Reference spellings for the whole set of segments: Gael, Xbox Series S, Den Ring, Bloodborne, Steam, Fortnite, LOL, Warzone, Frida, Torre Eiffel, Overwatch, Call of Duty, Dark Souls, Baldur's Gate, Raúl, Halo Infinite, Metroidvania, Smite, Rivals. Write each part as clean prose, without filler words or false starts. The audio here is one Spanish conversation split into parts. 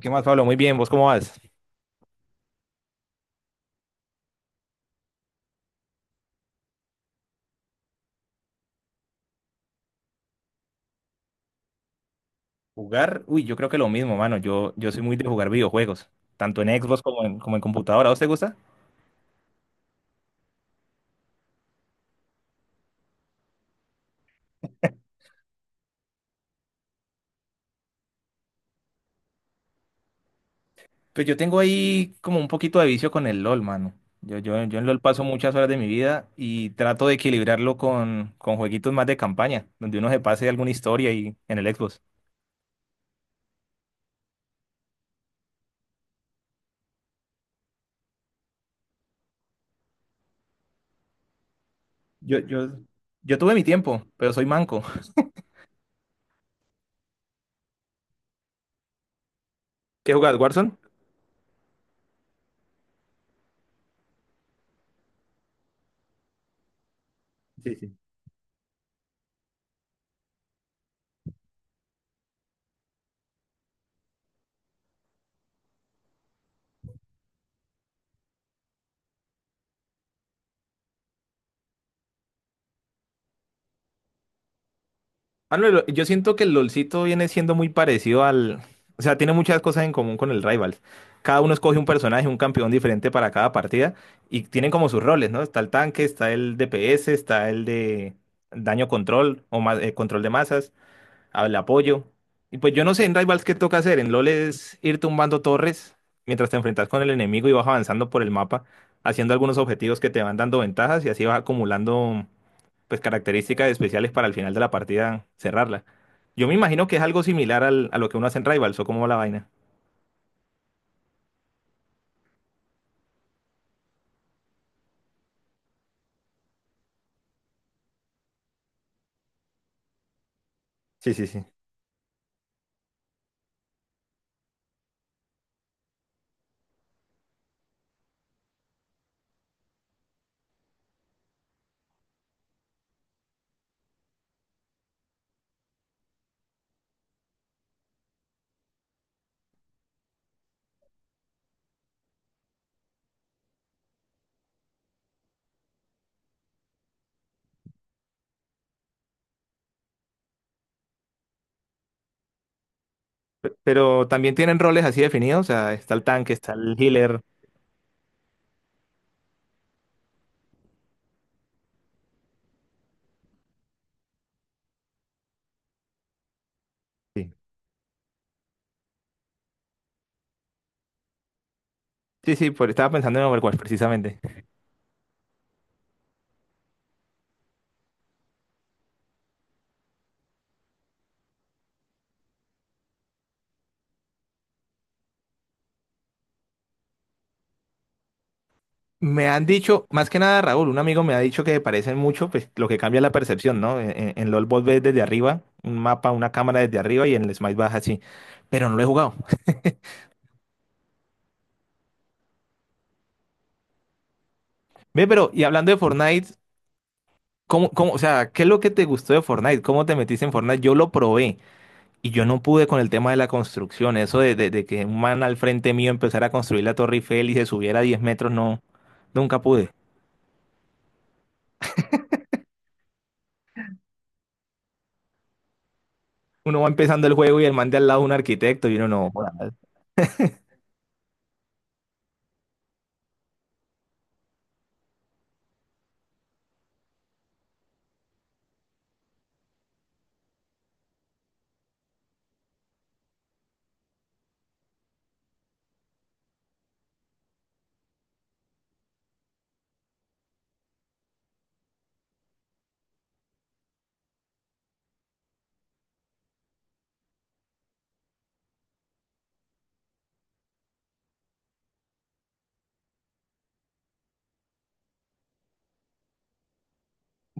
¿Qué más, Pablo? Muy bien, ¿vos cómo vas? Jugar, uy, yo creo que lo mismo, mano. Yo soy muy de jugar videojuegos, tanto en Xbox como en, como en computadora. ¿A vos te gusta? Pues yo tengo ahí como un poquito de vicio con el LOL, mano. Yo en LOL paso muchas horas de mi vida y trato de equilibrarlo con jueguitos más de campaña, donde uno se pase alguna historia y en el Xbox. Yo, yo, yo tuve mi tiempo, pero soy manco. ¿Qué jugás, Warzone? Sí, sí. Ah, no, lo- yo siento que el LOLcito viene siendo muy parecido al... O sea, tiene muchas cosas en común con el Rivals. Cada uno escoge un personaje, un campeón diferente para cada partida y tienen como sus roles, ¿no? Está el tanque, está el DPS, está el de daño control de masas, el apoyo. Y pues yo no sé en Rivals qué toca hacer. En LoL es ir tumbando torres mientras te enfrentas con el enemigo y vas avanzando por el mapa, haciendo algunos objetivos que te van dando ventajas y así vas acumulando pues características especiales para al final de la partida cerrarla. Yo me imagino que es algo similar al- a lo que uno hace en Rivals o como va la vaina. Sí, sí, sí. Pero también tienen roles así definidos, o sea, está el tanque, está el healer. Sí. Sí, sí, pues estaba pensando en Overwatch precisamente. Me han dicho, más que nada Raúl, un amigo me ha dicho que parecen mucho, pues lo que cambia es la percepción, ¿no? En LoL vos ves desde arriba, un mapa, una cámara desde arriba y en el Smite vas así. Pero no lo he jugado. Ve, pero, y hablando de Fortnite, o sea, qué es lo que te gustó de Fortnite? ¿Cómo te metiste en Fortnite? Yo lo probé y yo no pude con el tema de la construcción. Eso de que un man al frente mío empezara a construir la Torre Eiffel y se subiera a 10 metros, no, nunca pude. Uno va empezando el juego y el man de al lado un arquitecto y uno no. Joda.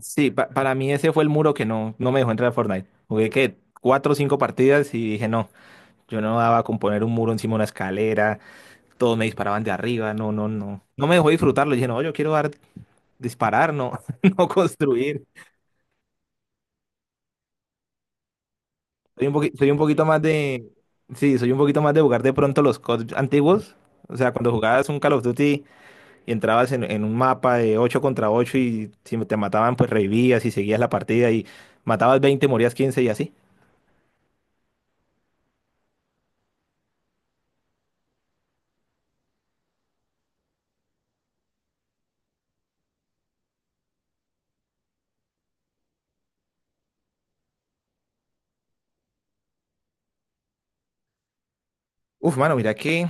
Sí, para mí ese fue el muro que no, no me dejó entrar a Fortnite. Jugué que cuatro o cinco partidas y dije no, yo no daba con poner un muro encima de una escalera, todos me disparaban de arriba, no, no, no. No me dejó disfrutarlo. Dije no, yo quiero dar, disparar, no, no construir. Soy un poquito más de. Sí, soy un poquito más de jugar de pronto los COD antiguos. O sea, cuando jugabas un Call of Duty y entrabas en un mapa de 8 contra 8 y si te mataban, pues revivías y seguías la partida y matabas 20 morías 15 y así. Uf, mano, mira que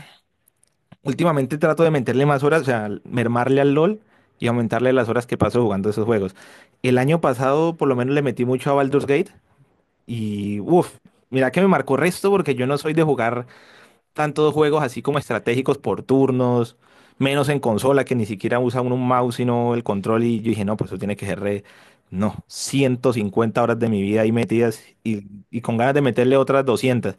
últimamente trato de meterle más horas, o sea, mermarle al LOL y aumentarle las horas que paso jugando esos juegos. El año pasado, por lo menos, le metí mucho a Baldur's Gate y, uf, mira que me marcó resto porque yo no soy de jugar tantos juegos así como estratégicos por turnos, menos en consola que ni siquiera usa uno un mouse sino el control y yo dije, no, pues eso tiene que ser re... No, 150 horas de mi vida ahí metidas y con ganas de meterle otras 200.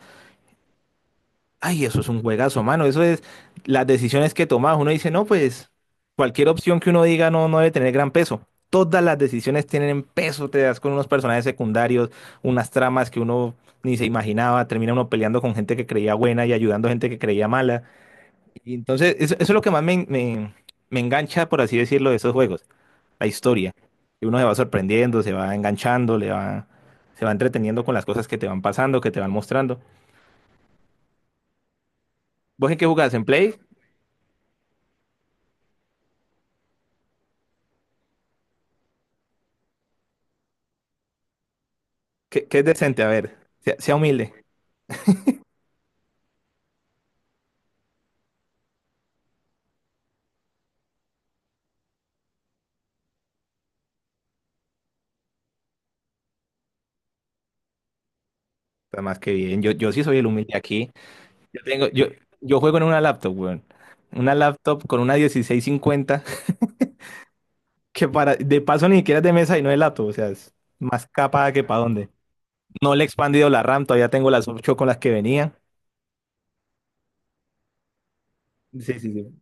Ay, eso es un juegazo, mano. Eso es las decisiones que tomas. Uno dice, no, pues cualquier opción que uno diga no, no debe tener gran peso. Todas las decisiones tienen peso. Te das con unos personajes secundarios, unas tramas que uno ni se imaginaba. Termina uno peleando con gente que creía buena y ayudando a gente que creía mala. Y entonces, eso es lo que más me engancha, por así decirlo, de esos juegos, la historia. Y uno se va sorprendiendo, se va enganchando, le va, se va entreteniendo con las cosas que te van pasando, que te van mostrando. ¿Vos en qué jugás? ¿En Play? ¿Qué, qué es decente? A ver, sea, sea humilde. Está más que bien. Yo sí soy el humilde aquí. Yo tengo, yo, yo juego en una laptop, weón. Una laptop con una 1650, que para, de paso ni siquiera es de mesa y no es laptop, o sea, es más capada que para dónde. No le he expandido la RAM, todavía tengo las 8 con las que venía. Sí, sí, sí.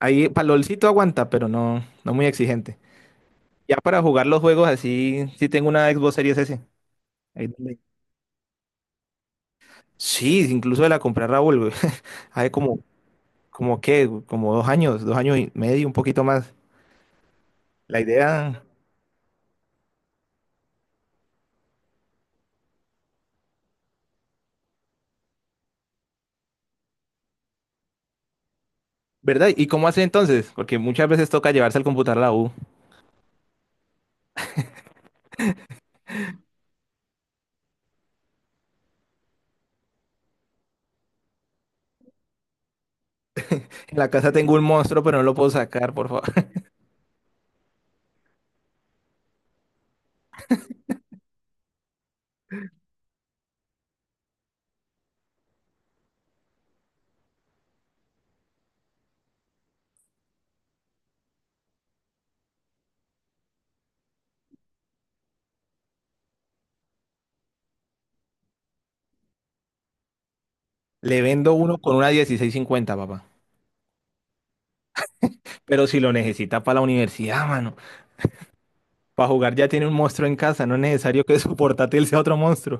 Ahí para palolcito aguanta, pero no, no muy exigente. Ya para jugar los juegos así, sí tengo una Xbox Series S. Ahí donde- Sí, incluso de la compré a Raúl, güey. Hace como, como qué, güey, como 2 años, 2 años y medio, un poquito más. La idea, ¿verdad? ¿Y cómo hace entonces? Porque muchas veces toca llevarse el computador a la U. En la casa tengo un monstruo, pero no lo puedo sacar, por favor. Le vendo uno con una 1650, papá. Pero si lo necesita para la universidad, mano. Para jugar ya tiene un monstruo en casa, no es necesario que su portátil sea otro monstruo.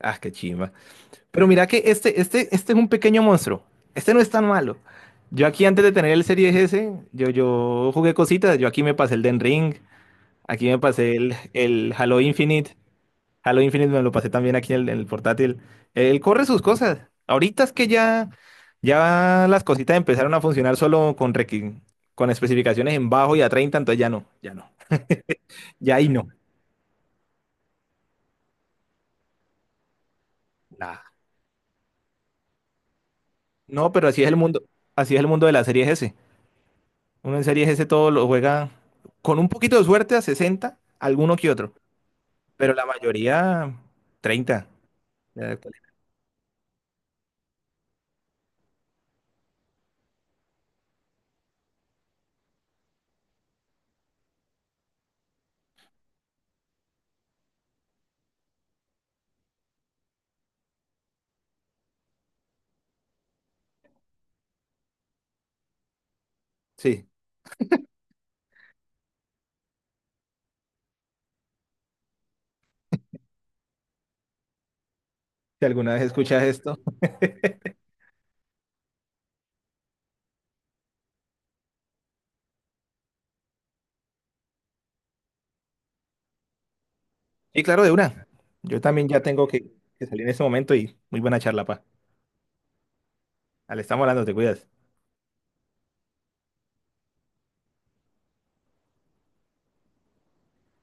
Ah, qué chimba. Pero mira que este es un pequeño monstruo. Este no es tan malo. Yo aquí antes de tener el Series S, yo jugué cositas. Yo aquí me pasé el Den Ring, aquí me pasé el Halo Infinite. Halo Infinite me lo pasé también aquí en el portátil. Él corre sus cosas. Ahorita es que ya, ya las cositas empezaron a funcionar solo con especificaciones en bajo y a 30, entonces ya no, ya no, ya ahí no. Nah. No, pero así es el mundo, así es el mundo de las series S. Uno en series S todo lo juega con un poquito de suerte a 60, alguno que otro, pero la mayoría 30. Ya, sí, si alguna vez escuchas esto. Y claro, de una. Yo también ya tengo que salir en este momento y muy buena charla, pa. Ale, estamos hablando, te cuidas.